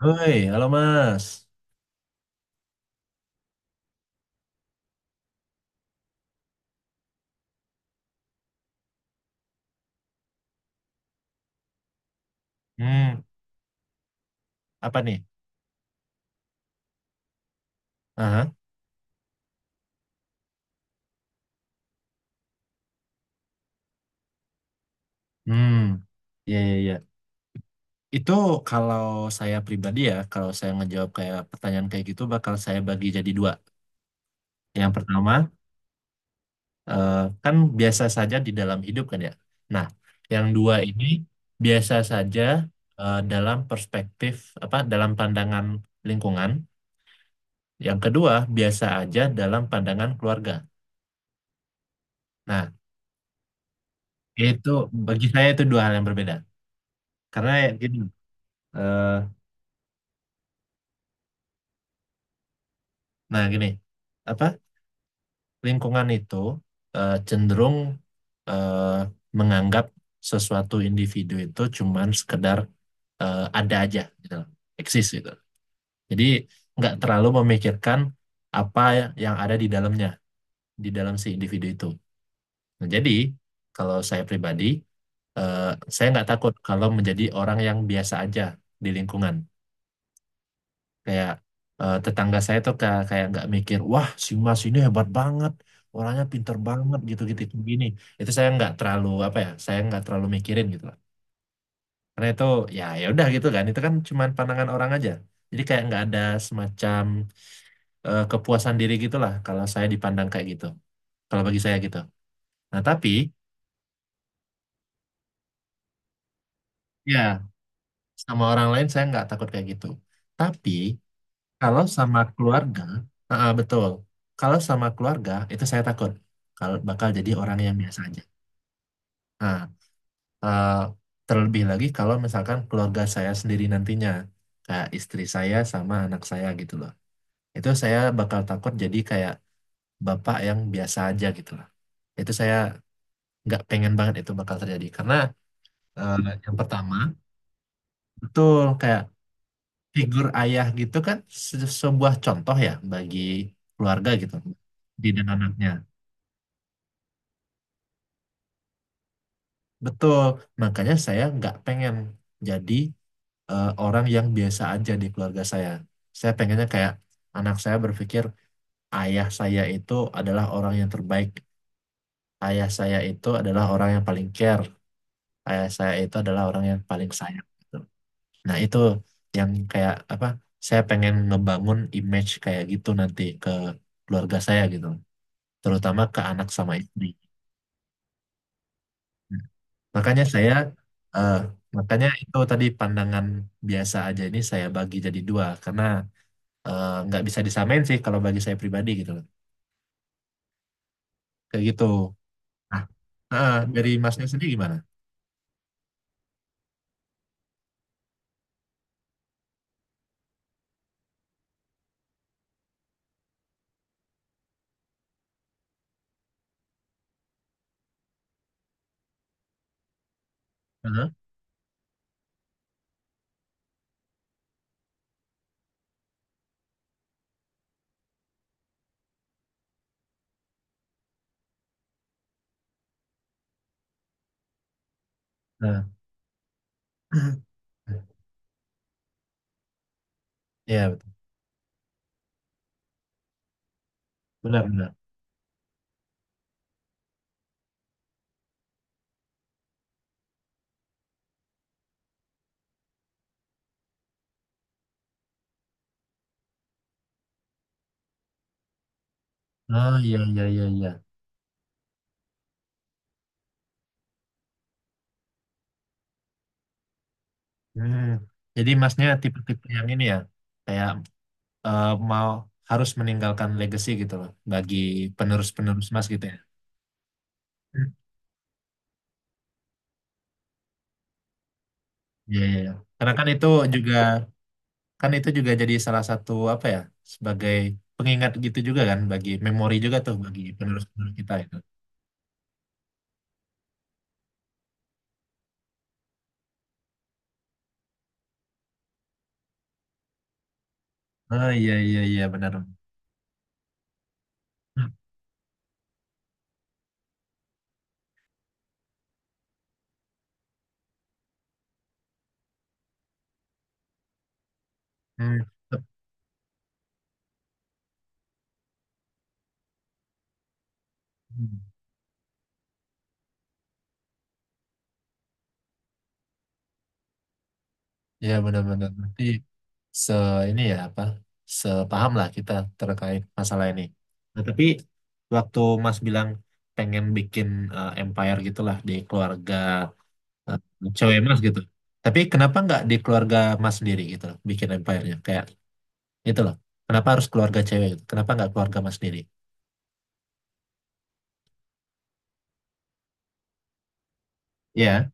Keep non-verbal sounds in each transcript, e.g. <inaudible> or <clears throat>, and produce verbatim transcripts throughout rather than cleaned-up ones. Hoi, halo Mas. Hmm. Apa nih? Aha. Hmm, ya, ya, ya. Itu kalau saya pribadi ya, kalau saya ngejawab kayak pertanyaan kayak gitu, bakal saya bagi jadi dua. Yang pertama, eh, kan biasa saja di dalam hidup kan ya. Nah, yang dua ini biasa saja, eh, dalam perspektif apa? Dalam pandangan lingkungan. Yang kedua, biasa aja dalam pandangan keluarga. Nah, itu bagi saya itu dua hal yang berbeda. Karena ya gini. eh, Nah, gini, apa lingkungan itu eh, cenderung eh, menganggap sesuatu individu itu cuman sekedar eh, ada aja, gitu, loh, eksis gitu. Jadi nggak terlalu memikirkan apa yang ada di dalamnya, di dalam si individu itu. Nah, jadi kalau saya pribadi, eh, saya nggak takut kalau menjadi orang yang biasa aja di lingkungan. Kayak eh, tetangga saya tuh kayak kayak nggak mikir, wah si Mas ini hebat banget, orangnya pinter banget, gitu-gitu kayak gini. Itu saya nggak terlalu, apa ya, saya nggak terlalu mikirin gitu lah. Karena itu ya, ya udah gitu kan, itu kan cuman pandangan orang aja. Jadi kayak nggak ada semacam eh, kepuasan diri gitulah kalau saya dipandang kayak gitu, kalau bagi saya gitu. Nah tapi ya, sama orang lain saya nggak takut kayak gitu, tapi kalau sama keluarga, ah, ah, betul. Kalau sama keluarga itu saya takut kalau bakal jadi orang yang biasa aja. Nah, eh, terlebih lagi kalau misalkan keluarga saya sendiri nantinya, kayak istri saya sama anak saya gitu loh. Itu saya bakal takut jadi kayak bapak yang biasa aja gitu loh. Itu saya nggak pengen banget itu bakal terjadi karena eh, yang pertama betul, kayak figur ayah gitu kan se- sebuah contoh ya bagi keluarga gitu, di dan anaknya. Betul, makanya saya nggak pengen jadi eh, orang yang biasa aja di keluarga saya. Saya pengennya kayak anak saya berpikir ayah saya itu adalah orang yang terbaik, ayah saya itu adalah orang yang paling care, ayah saya itu adalah orang yang paling sayang, gitu. Nah itu yang kayak apa? Saya pengen ngebangun image kayak gitu nanti ke keluarga saya gitu, terutama ke anak sama istri. Makanya saya, eh, makanya itu tadi pandangan biasa aja ini saya bagi jadi dua karena eh, nggak bisa disamain sih kalau bagi saya pribadi gitu loh. Kayak gitu. Nah, eh, dari masnya sendiri gimana? Heeh. Nah, <clears throat> ya betul. Benar-benar. Oh, iya, iya, iya, iya. Hmm. Jadi masnya tipe-tipe yang ini ya, kayak eh, mau harus meninggalkan legacy gitu loh bagi penerus-penerus mas gitu ya. Hmm. Iya, iya, iya. Karena kan itu juga Kan itu juga jadi salah satu apa ya, sebagai pengingat gitu juga kan bagi memori juga tuh bagi penerus-penerus kita itu. Oh, iya, iya, iya, benar. Hmm. Ya, benar-benar nanti se ini ya apa, sepaham lah kita terkait masalah ini. Nah, tapi waktu Mas bilang pengen bikin eh, empire gitulah di keluarga eh, cewek Mas gitu. Tapi kenapa nggak di keluarga Mas sendiri gitu bikin empire-nya, kayak itu loh. Kenapa harus keluarga cewek gitu? Kenapa nggak keluarga mas sendiri? Iya.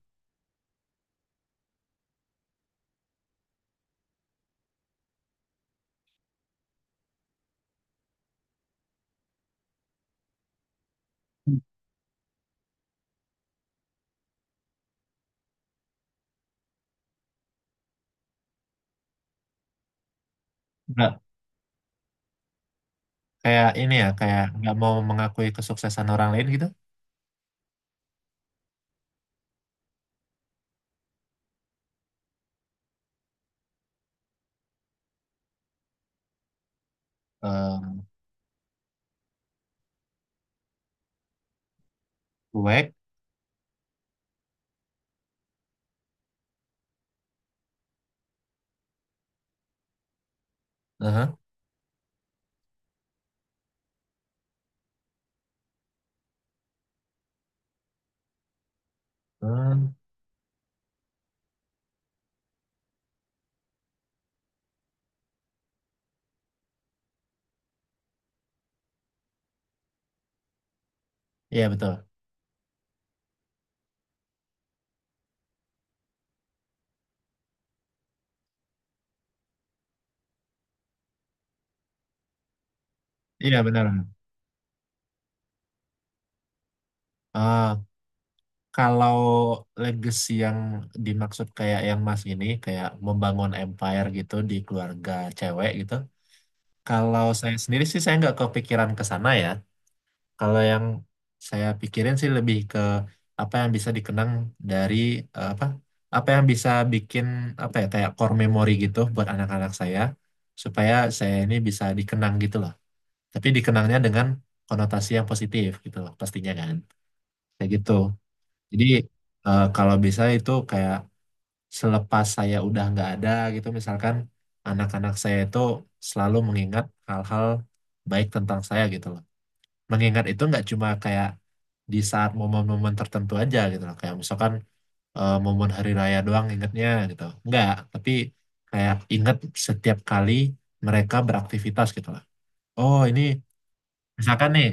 Nggak, kayak ini ya, kayak nggak mau mengakui kesuksesan orang lain gitu. Eh, cuek. Aha. Hmm, iya, betul. Iya, benar. Eh, kalau legacy yang dimaksud kayak yang mas ini, kayak membangun empire gitu di keluarga cewek gitu. Kalau saya sendiri sih saya nggak kepikiran ke sana ya. Kalau yang saya pikirin sih lebih ke apa yang bisa dikenang dari eh, apa apa yang bisa bikin, apa ya, kayak core memory gitu buat anak-anak saya supaya saya ini bisa dikenang gitu loh. Tapi dikenangnya dengan konotasi yang positif gitu loh pastinya kan. Kayak gitu. Jadi eh, kalau bisa itu kayak selepas saya udah nggak ada gitu misalkan anak-anak saya itu selalu mengingat hal-hal baik tentang saya gitu loh, mengingat itu nggak cuma kayak di saat momen-momen tertentu aja gitu loh, kayak misalkan eh, momen hari raya doang ingatnya gitu nggak, tapi kayak ingat setiap kali mereka beraktivitas gitu loh. Oh ini misalkan nih,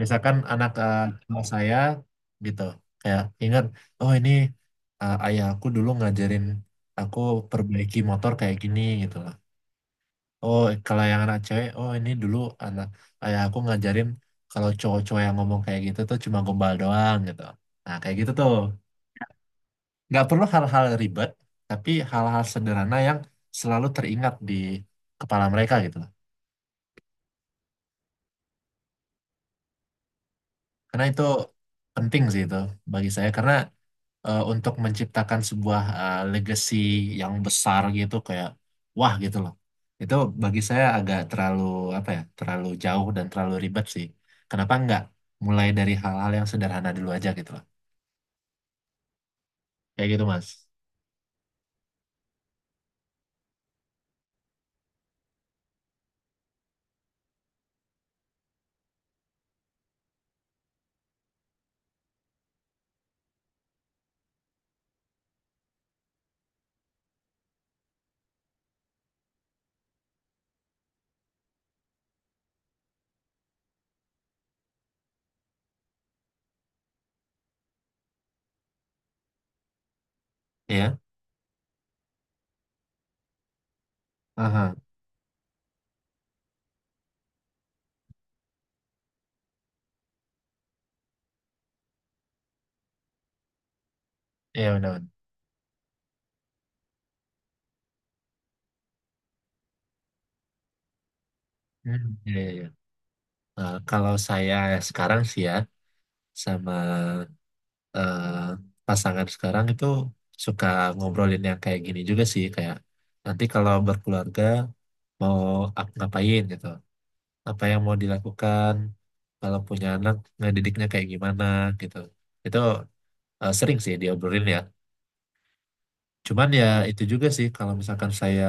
misalkan anak eh, kelas saya gitu, kayak ingat, oh ini eh, ayah aku dulu ngajarin aku perbaiki motor kayak gini gitu loh. Oh, kalau yang anak cewek, oh ini dulu anak ayah aku ngajarin kalau cowok-cowok yang ngomong kayak gitu tuh cuma gombal doang gitu. Nah, kayak gitu tuh. Nggak perlu hal-hal ribet, tapi hal-hal sederhana yang selalu teringat di kepala mereka gitu loh. Karena itu penting sih itu bagi saya, karena eh, untuk menciptakan sebuah eh, legacy yang besar gitu, kayak, wah gitu loh. Itu bagi saya agak terlalu, apa ya, terlalu jauh dan terlalu ribet sih. Kenapa nggak mulai dari hal-hal yang sederhana dulu aja gitu loh. Kayak gitu Mas. Iya. Aha. Iya, benar. Hmm, iya, iya, iya. Eh, kalau saya sekarang sih ya sama eh, pasangan sekarang itu suka ngobrolin yang kayak gini juga sih, kayak nanti kalau berkeluarga mau ak- ngapain gitu, apa yang mau dilakukan, kalau punya anak ngedidiknya kayak gimana gitu. Itu eh, sering sih diobrolin ya, cuman ya itu juga sih kalau misalkan saya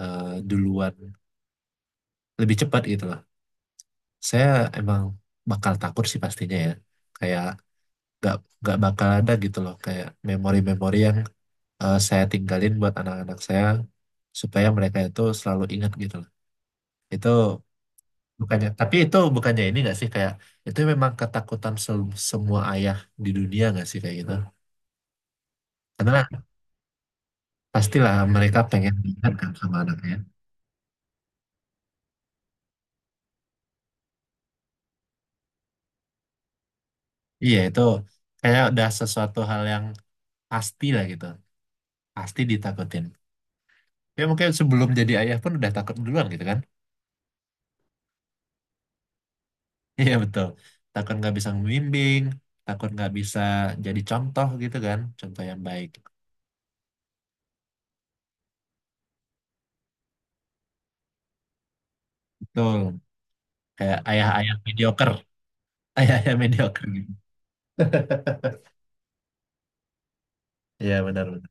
eh, duluan lebih cepat gitu lah, saya emang bakal takut sih pastinya ya, kayak gak, gak bakal ada gitu loh kayak memori-memori yang eh, saya tinggalin buat anak-anak saya supaya mereka itu selalu ingat gitu loh. Itu bukannya, tapi itu bukannya ini nggak sih, kayak itu memang ketakutan sel- semua ayah di dunia nggak sih kayak gitu? Karena pastilah mereka pengen diingat kan sama anaknya. Iya itu kayak udah sesuatu hal yang pasti lah gitu, pasti ditakutin. Ya mungkin sebelum jadi ayah pun udah takut duluan gitu kan? <laughs> Iya betul, takut nggak bisa membimbing, takut nggak bisa jadi contoh gitu kan, contoh yang baik. Betul. Kayak ayah-ayah mediocre. <laughs> Ayah-ayah mediocre gitu. <laughs> Iya, benar-benar.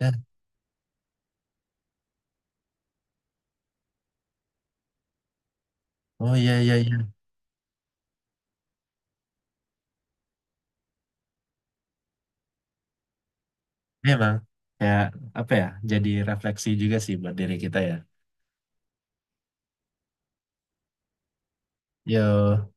Ya. Oh, iya, iya, iya. Memang kayak apa ya? Jadi refleksi juga sih buat diri kita ya. Yo.